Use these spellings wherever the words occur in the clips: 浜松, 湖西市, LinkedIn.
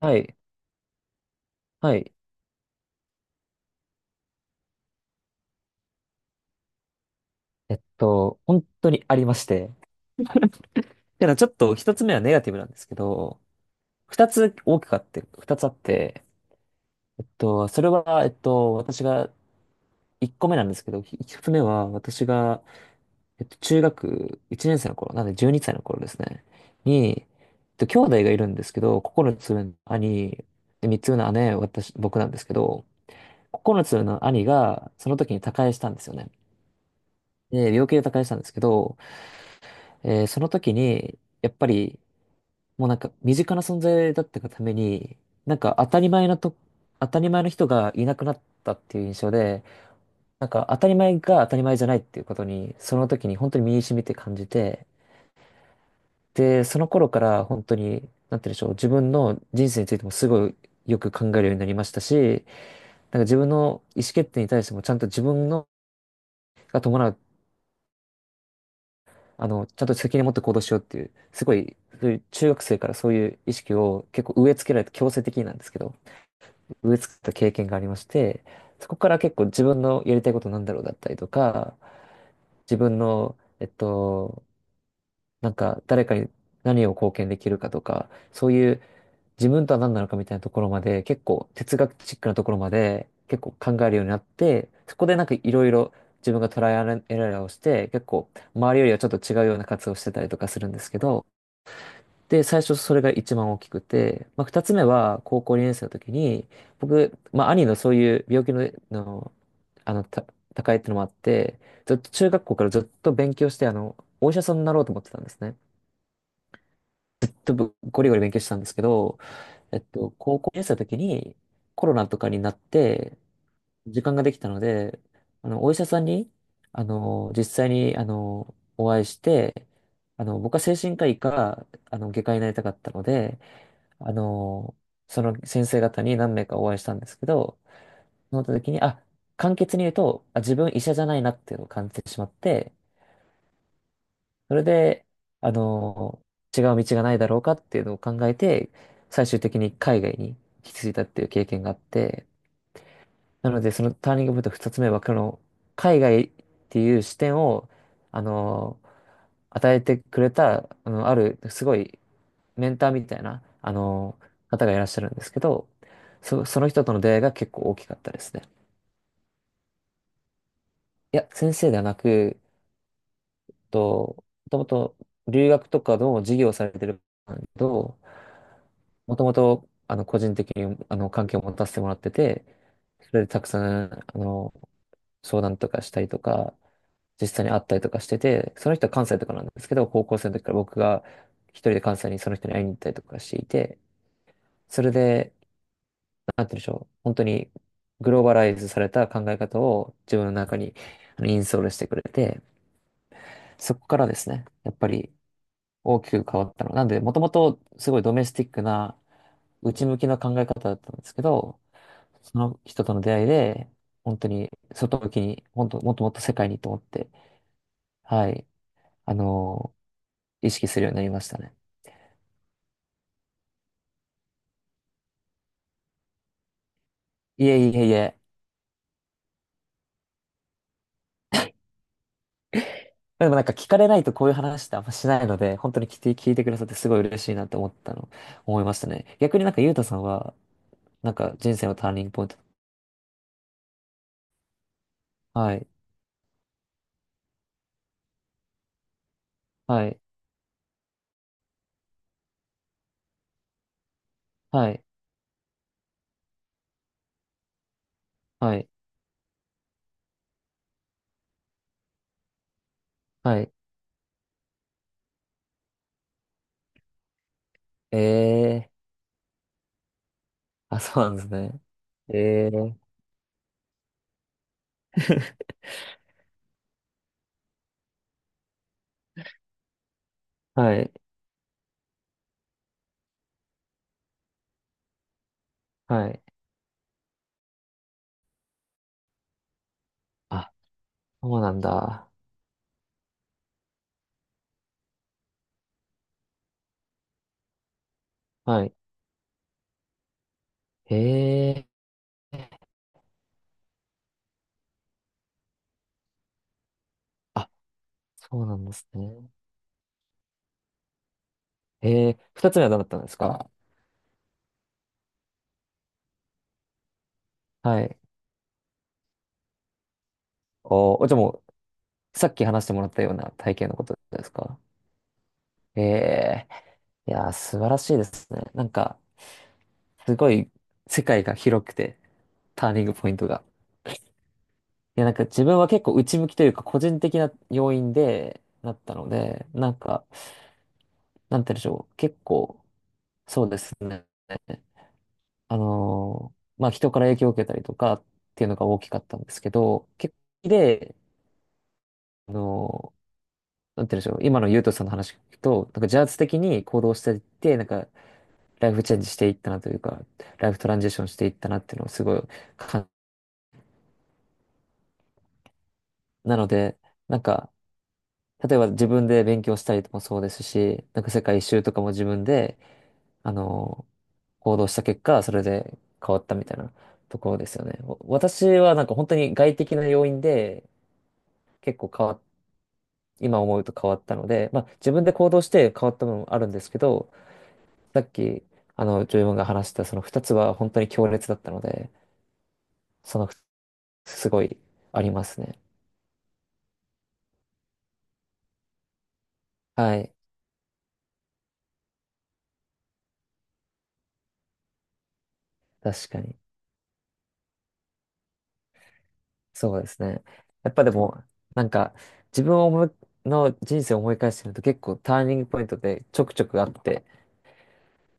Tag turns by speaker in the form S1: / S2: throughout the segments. S1: はい。はい。本当にありまして。ただちょっと一つ目はネガティブなんですけど、二つ大きくあって、二つあって、それは、私が、一個目なんですけど、一つ目は、私が、中学一年生の頃、なんで12歳の頃ですね、に、兄弟がいるんですけど、9つ上の兄、で、3つ上の姉、私、僕なんですけど、9つ上の兄が、その時に他界したんですよね。で、病気で他界したんですけど、その時に、やっぱり、もうなんか身近な存在だったがために、なんか当たり前なと、当たり前の人がいなくなったっていう印象で、なんか当たり前が当たり前じゃないっていうことに、その時に本当に身に染みて感じて、で、その頃から本当に、なんて言うんでしょう、自分の人生についてもすごいよく考えるようになりましたし、なんか自分の意思決定に対してもちゃんと自分のが伴うあの、ちゃんと責任を持って行動しようっていう、すごい、そういう中学生からそういう意識を結構植え付けられて、強制的になんですけど、植え付けた経験がありまして、そこから結構自分のやりたいことなんだろうだったりとか、自分の、なんか誰かに何を貢献できるかとか、そういう自分とは何なのかみたいなところまで、結構哲学チックなところまで結構考えるようになって、そこでなんかいろいろ自分がトライアンドエラーをして、結構周りよりはちょっと違うような活動をしてたりとかするんですけど、で、最初それが一番大きくて、まあ、二つ目は高校2年生の時に、僕、まあ、兄のそういう病気の、の、あの、た、高いっていうのもあって、ずっと中学校からずっと勉強して、お医者さんになろうと思ってたんですね。ゴリゴリ勉強してたんですけど、高校生の時にコロナとかになって時間ができたので、お医者さんに、実際に、お会いして、僕は精神科医か、外科医になりたかったので、あの、その先生方に何名かお会いしたんですけど、その時に、簡潔に言うと、自分医者じゃないなっていうのを感じてしまって、それで、あの、違う道がないだろうかっていうのを考えて、最終的に海外に引き継いだっていう経験があって、なので、そのターニングポイント2つ目は、この海外っていう視点を、あの、与えてくれた、ある、すごいメンターみたいな、方がいらっしゃるんですけど、その人との出会いが結構大きかったですね。いや、先生ではなく、もともと留学とかの授業をされてるんだけど、もともと、個人的に、関係を持たせてもらってて、それでたくさん、相談とかしたりとか、実際に会ったりとかしてて、その人は関西とかなんですけど、高校生の時から僕が一人で関西にその人に会いに行ったりとかしていて、それで、なんて言うんでしょう、本当にグローバライズされた考え方を自分の中にインストールしてくれて、そこからですね、やっぱり大きく変わったの。なんで、もともとすごいドメスティックな内向きな考え方だったんですけど、その人との出会いで、本当に外向きに、本当、もっともっと世界にと思って、はい、あのー意識するようになりましたね。いえいえいえ。でもなんか聞かれないとこういう話ってあんましないので、本当に聞いてくださってすごい嬉しいなって思いましたね。逆になんかゆうたさんは、なんか人生のターニングポイント。はい、はい、はい、はい、はい。ええー、あ、そうなんですね。ええー、はい、はい。あ、そうなんだ。はい。ええー。そうなんですね。ええ、二つ目はどうだったんですか？はい。おー、じゃあもう、さっき話してもらったような体験のことですか？ええ、いやー、素晴らしいですね。なんか、すごい、世界が広くて、ターニングポイントが。いや、なんか自分は結構内向きというか、個人的な要因で、なったので、なんか、なんて言うんでしょう。結構、そうですね。まあ、人から影響を受けたりとかっていうのが大きかったんですけど、結構で、あのーなんて言うんでしょう。今のゆうとさんの話聞くと、なんか自発的に行動していって、なんかライフチェンジしていったなというか、ライフトランジションしていったなっていうのをすごい感、なので、なんか、例えば自分で勉強したりともそうですし、なんか世界一周とかも自分で、あの、行動した結果、それで変わったみたいなところですよね。私はなんか本当に外的な要因で結構変わっ、今思うと変わったので、まあ自分で行動して変わった部分もあるんですけど、さっき、ジョイマンが話したその二つは本当に強烈だったので、その、すごいありますね。はい。確かに。そうですね。やっぱでも、なんか、自分を思いの人生を思い返してみると結構ターニングポイントでちょくちょくあって、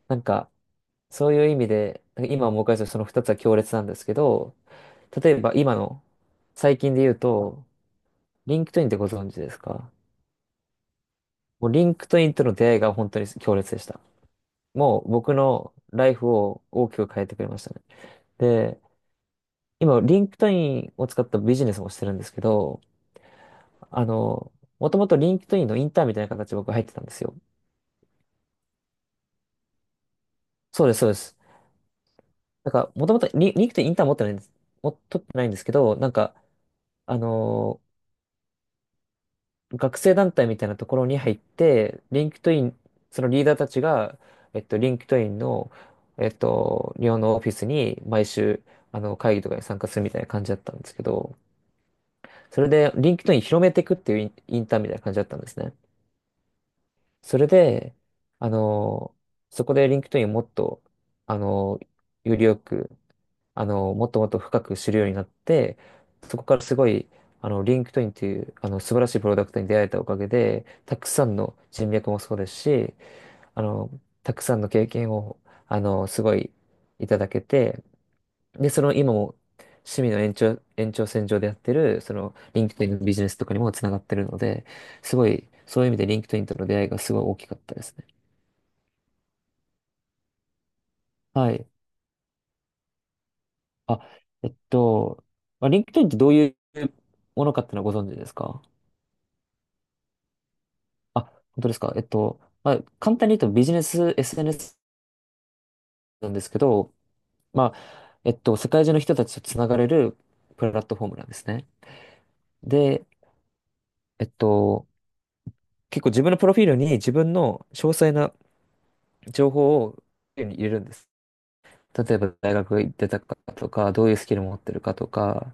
S1: なんか、そういう意味で、なんか今思い返すとその二つは強烈なんですけど、例えば今の、最近で言うと、リンクトインってご存知ですか？もうリンクトインとの出会いが本当に強烈でした。もう僕のライフを大きく変えてくれましたね。で、今、リンクトインを使ったビジネスもしてるんですけど、あの、もともとリンクトインのインターンみたいな形で僕入ってたんですよ。そうです、そうです。なんか、もともとリンクトインインターン持ってないんです。取ってないんですけど、なんか、あの、学生団体みたいなところに入って、リンクトイン、そのリーダーたちが、リンクトインの、日本のオフィスに毎週、会議とかに参加するみたいな感じだったんですけど、それで、リンクトイン広めていくっていうインターンみたいな感じだったんですね。それで、あのーそこでリンクトインをもっと、あのよりよく、もっともっと深く知るようになって、そこからすごい、リンクトインっていう、素晴らしいプロダクトに出会えたおかげで、たくさんの人脈もそうですし、あの、たくさんの経験を、すごいいただけて、で、その今も趣味の延長線上でやってる、そのリンクトインのビジネスとかにもつながってるので、すごい、そういう意味でリンクトインとの出会いがすごい大きかったですね。はい。あ、えっと、まあ、リンクトインってどういうものかっていうのはご存知ですか？あ、本当ですか？まあ、簡単に言うとビジネス SNS なんですけど、まあ、世界中の人たちとつながれるプラットフォームなんですね。で、えっと、結構自分のプロフィールに自分の詳細な情報を手に入れるんです。例えば大学行ってたかとか、どういうスキル持ってるかとか、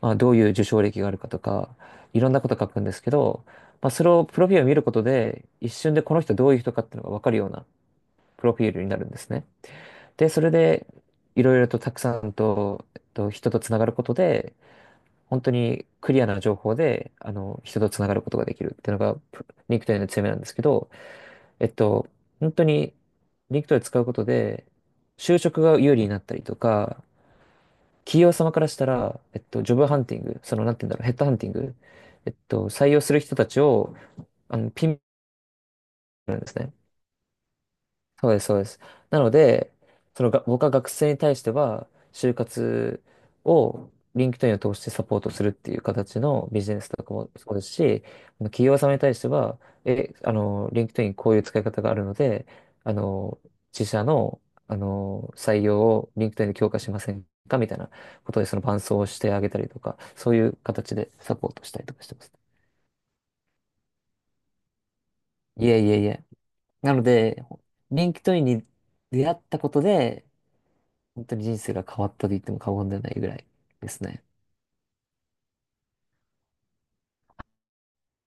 S1: まあ、どういう受賞歴があるかとか、いろんなこと書くんですけど、まあ、それをプロフィールを見ることで、一瞬でこの人どういう人かっていうのが分かるようなプロフィールになるんですね。で、それで、いろいろとたくさんと、人とつながることで、本当にクリアな情報で、人とつながることができるっていうのが、プリンクテイ k の強みなんですけど、えっと、本当にリンクトイ使うことで、就職が有利になったりとか、企業様からしたら、ジョブハンティング、その、なんて言うんだろう、ヘッドハンティング、採用する人たちを、ピンポイントなんですね、そうです、そうです。なので、そのが、僕は学生に対しては、就活を LinkedIn を通してサポートするっていう形のビジネスとかもそうですし、企業様に対しては、え、あの、LinkedIn こういう使い方があるので、あの、自社の、採用を LinkedIn で強化しませんかみたいなことで、その伴走をしてあげたりとか、そういう形でサポートしたりとかしてます。いえいえいえ。なので、LinkedIn に出会ったことで、本当に人生が変わったと言っても過言ではないぐらいですね。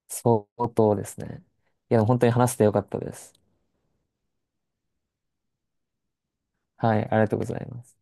S1: 相当ですね。いや、本当に話してよかったです。はい、ありがとうございます。